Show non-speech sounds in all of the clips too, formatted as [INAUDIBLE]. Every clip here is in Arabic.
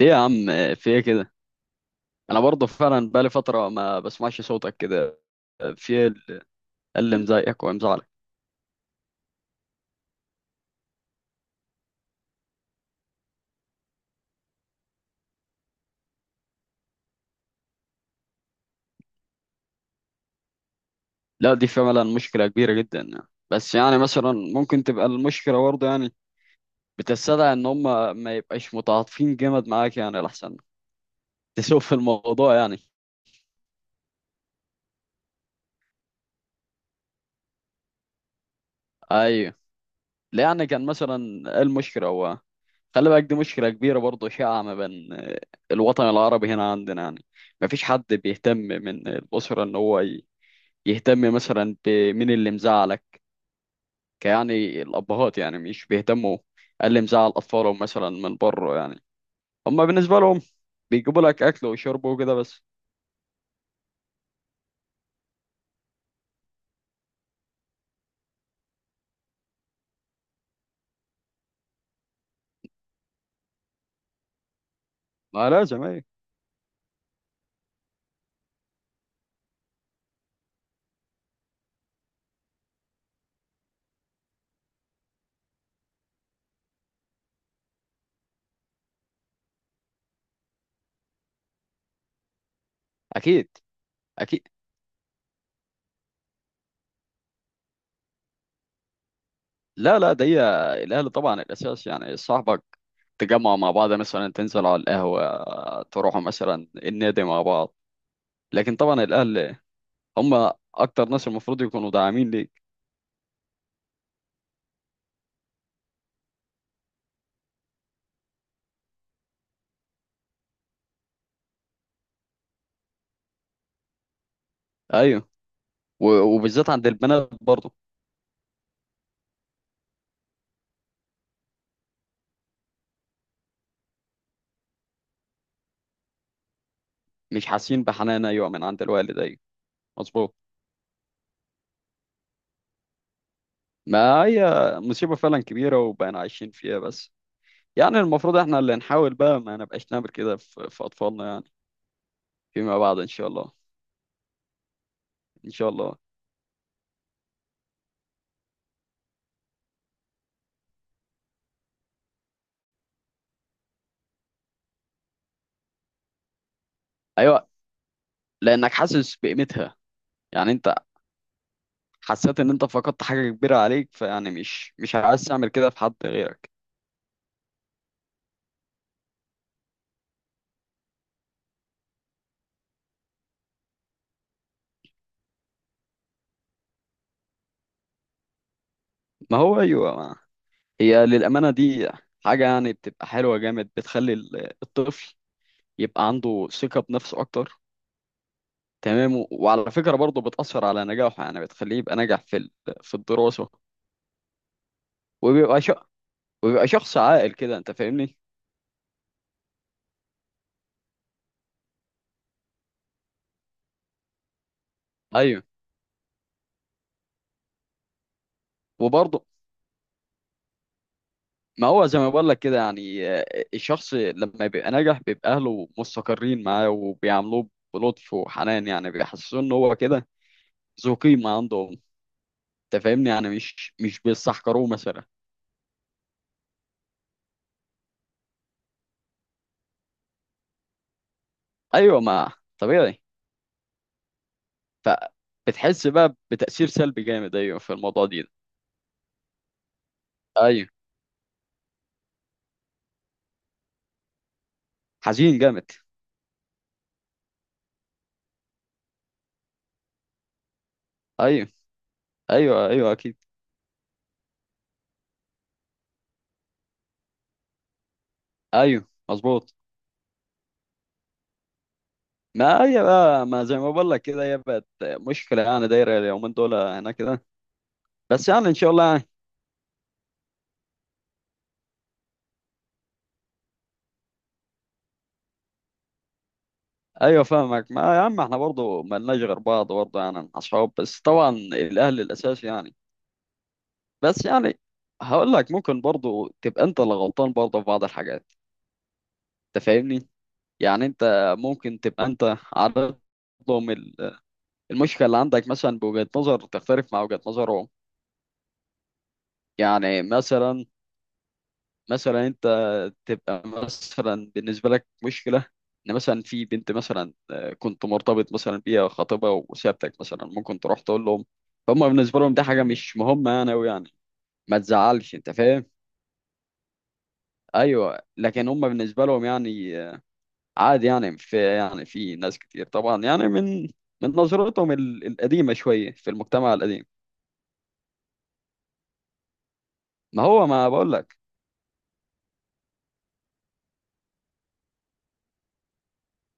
ليه يا عم؟ في ايه كده؟ انا برضه فعلا بقالي فتره ما بسمعش صوتك كده. في ايه اللي مضايقك ومزعلك؟ لا دي فعلا مشكله كبيره جدا يعني. بس يعني مثلا ممكن تبقى المشكله برضه يعني بتستدعي ان هم ما يبقاش متعاطفين جامد معاك، يعني الاحسن تسوق في الموضوع يعني. ايوه. لا يعني كان مثلا إيه المشكله؟ هو خلي بالك دي مشكله كبيره برضه شائعه ما بين الوطن العربي هنا عندنا يعني. ما فيش حد بيهتم من الاسره ان هو يهتم مثلا بمين اللي مزعلك، يعني الأبهات يعني مش بيهتموا اللي مزعل أطفالهم مثلا من بره يعني. هما بالنسبة لهم بيجيبوا لك أكل وشرب وكده بس. ما لازم أيه. أكيد أكيد. لا لا، ده هي الأهل طبعا الأساس يعني. صاحبك تجمعوا مع بعض مثلا، تنزلوا على القهوة، تروحوا مثلا النادي مع بعض، لكن طبعا الأهل هما أكتر ناس المفروض يكونوا داعمين ليك. أيوه. وبالذات عند البنات برضه. مش حاسين بحنان، أيوه، من عند الوالد. أيوه مظبوط. ما هي مصيبة فعلا كبيرة وبقينا عايشين فيها، بس يعني المفروض احنا اللي نحاول بقى ما نبقاش نعمل كده في أطفالنا يعني فيما بعد. إن شاء الله. إن شاء الله. أيوة. لأنك حاسس بقيمتها. يعني أنت حسيت إن أنت فقدت حاجة كبيرة عليك، فيعني مش عايز تعمل كده في حد غيرك. ما هو أيوة ما. هي للأمانة دي حاجة يعني بتبقى حلوة جامد، بتخلي الطفل يبقى عنده ثقة بنفسه أكتر. تمام. وعلى فكرة برضه بتأثر على نجاحه، يعني بتخليه يبقى ناجح في في الدراسة. وبيبقى ش... وبيبقى شخص عاقل كده، انت فاهمني. ايوه. وبرضه ما هو زي ما بقول لك كده يعني آه، الشخص لما بيبقى ناجح بيبقى اهله مستقرين معاه وبيعاملوه بلطف وحنان، يعني بيحسسوه ان هو كده ذو قيمه عندهم. انت فاهمني؟ يعني مش بيستحقروه مثلا. ايوه ما طبيعي. فبتحس بقى بتاثير سلبي جامد، ايوه، في الموضوع دي. ايوه حزين جامد. ايوه ايوه ايوه اكيد. ايوه مظبوط. ما هي بقى ما زي ما بقول لك كده، هي بقت مشكلة يعني دايرة اليومين دول هنا كده. بس يعني إن شاء الله يعني. أيوة فاهمك ما يا عم. إحنا برضه مالناش غير بعض برضه، يعني أصحاب، بس طبعا الأهل الأساسي يعني. بس يعني هقول لك ممكن برضه تبقى أنت اللي غلطان برضه في بعض الحاجات. أنت فاهمني؟ يعني أنت ممكن تبقى أنت عارض لهم المشكلة اللي عندك مثلا بوجهة نظر تختلف مع وجهة نظرهم. يعني مثلا انت تبقى مثلا بالنسبه لك مشكله ان مثلا في بنت مثلا آه، كنت مرتبط مثلا بيها خطيبها وسابتك مثلا. ممكن تروح تقول لهم، هم بالنسبه لهم ده حاجه مش مهمه يعني أوي يعني. ما تزعلش انت فاهم. ايوه لكن هم بالنسبه لهم يعني آه، عادي، يعني في يعني في ناس كتير طبعا يعني من نظرتهم القديمه شويه في المجتمع القديم. ما هو ما بقول لك.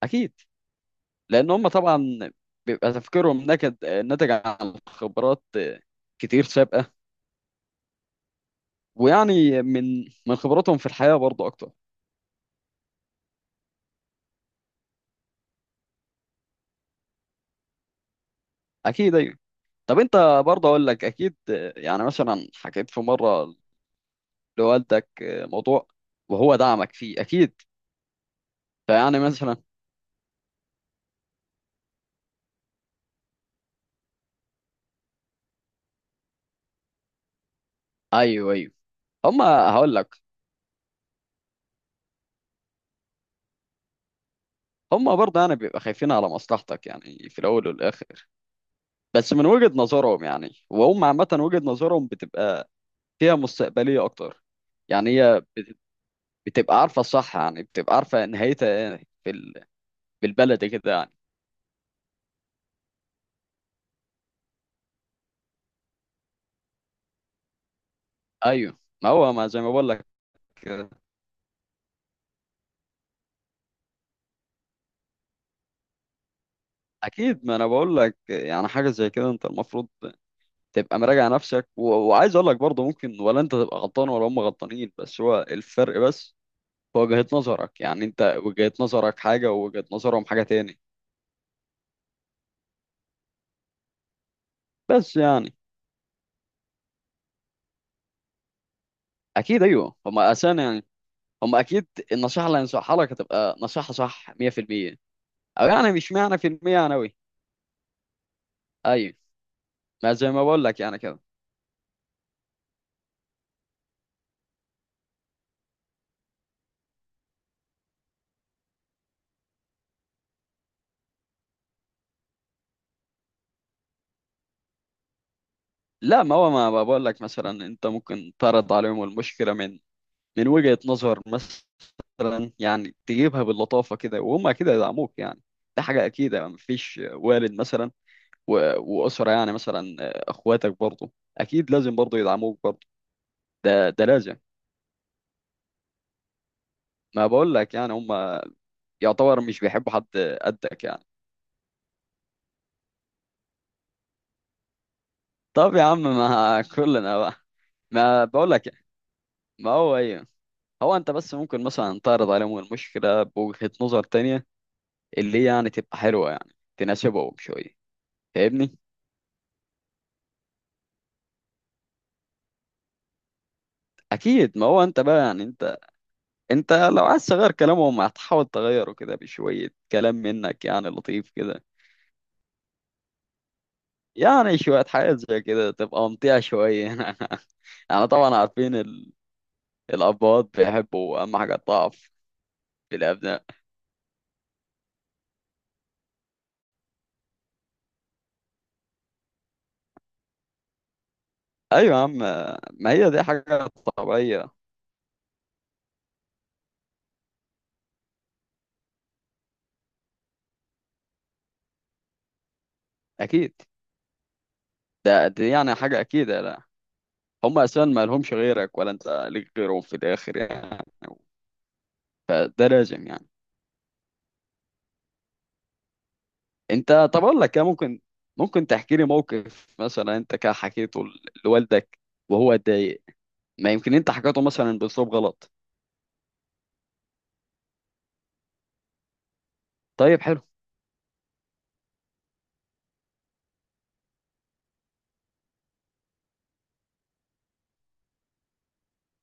اكيد. لان هم طبعا بيبقى تفكيرهم نكد آه، ناتج عن خبرات آه، كتير سابقة. ويعني من خبرتهم في الحياة برضه أكتر. أكيد أيوه. طب أنت برضه أقول لك أكيد آه، يعني مثلا حكيت في مرة لوالدك آه، موضوع وهو دعمك فيه أكيد. فيعني مثلا أيوه أيوه. هما هقول لك، هما برضه يعني بيبقى خايفين على مصلحتك يعني في الأول والآخر، بس من وجهة نظرهم يعني، وهم عامة وجهة نظرهم بتبقى فيها مستقبلية أكتر. يعني هي بتبقى عارفة الصح، يعني بتبقى عارفة نهايتها إيه في بالبلد كده يعني. أيوه ما هو ما زي ما بقول لك. اكيد ما انا بقول لك يعني حاجه زي كده، انت المفروض تبقى مراجع نفسك وعايز اقول لك برضه، ممكن ولا انت تبقى غلطان ولا هم غلطانين، بس هو الفرق بس هو وجهة نظرك، يعني انت وجهة نظرك حاجه ووجهة نظرهم حاجه تاني. بس يعني. اكيد ايوه هم اساسا يعني هم اكيد النصيحه اللي هينصحها لك هتبقى نصيحه صح 100%. او يعني مش معنى في المية يعني أوي. ايوه ما زي ما بقول لك يعني كده. لا ما هو ما، بقول لك مثلا، انت ممكن تعرض عليهم المشكله من وجهة نظر مثلا يعني، تجيبها باللطافة كده وهم أكيد هيدعموك يعني. دي حاجة أكيدة، يعني مفيش والد مثلا وأسرة يعني مثلا آه، أخواتك برضه أكيد لازم برضه يدعموك برضه. ده لازم. ما بقول لك يعني هم يعتبر مش بيحبوا حد قدك يعني. طب يا عم ما [LAUGHS] كلنا بقى. ما بقول لك. ما هو ايه هو. انت بس ممكن مثلا تعرض عليهم المشكله بوجهه نظر تانية، اللي هي يعني تبقى حلوه يعني تناسبهم شويه. فاهمني؟ اكيد. ما هو انت بقى يعني، انت لو عايز تغير كلامهم هتحاول تغيره كده بشويه كلام منك يعني لطيف كده. يعني شويه حاجات زي كده تبقى ممتعه شويه. [LAUGHS] يعني طبعا عارفين الابوات بيحبوا اهم حاجه الضعف في الابناء. ايوه يا عم. ما هي دي حاجه طبيعيه. اكيد. ده دي يعني حاجه اكيد. لا هم اساسا ما لهمش غيرك ولا انت ليك غيرهم في الاخر يعني، فده لازم يعني. انت طب اقول لك يا ممكن، ممكن تحكي لي موقف مثلا انت كده حكيته لوالدك وهو اتضايق؟ ما يمكن انت حكيته مثلا باسلوب غلط. طيب حلو.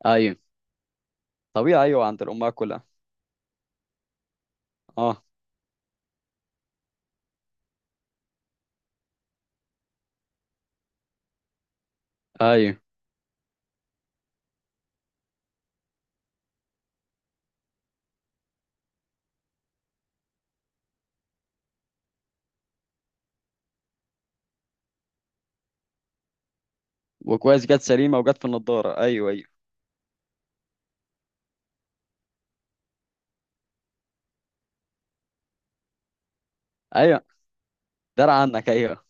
ايوه طبيعي ايوه عند الامهات كلها. اه. ايوه وكويس جت سليمه وجت في النضاره، ايوه ايوه. ايوه درع عنك ايوه.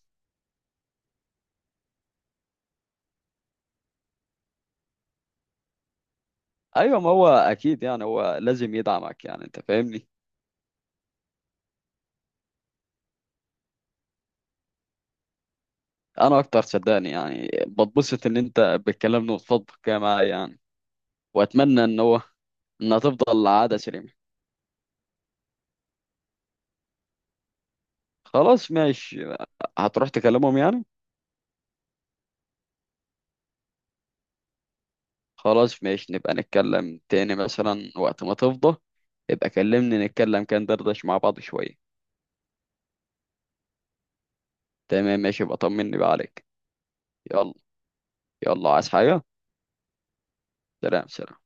ايوه ما هو اكيد يعني هو لازم يدعمك يعني انت فاهمني. انا اكتر صدقني يعني بتبسط ان انت بتكلمني وتفضفض كده معايا يعني. واتمنى ان هو انها تفضل عاده سليمه. خلاص ماشي، هتروح تكلمهم يعني. خلاص ماشي، نبقى نتكلم تاني مثلا وقت ما تفضى. ابقى كلمني نتكلم كان دردش مع بعض شوية. تمام ماشي، يبقى طمني بقى عليك. يلا. يلا عايز حاجة. سلام سلام.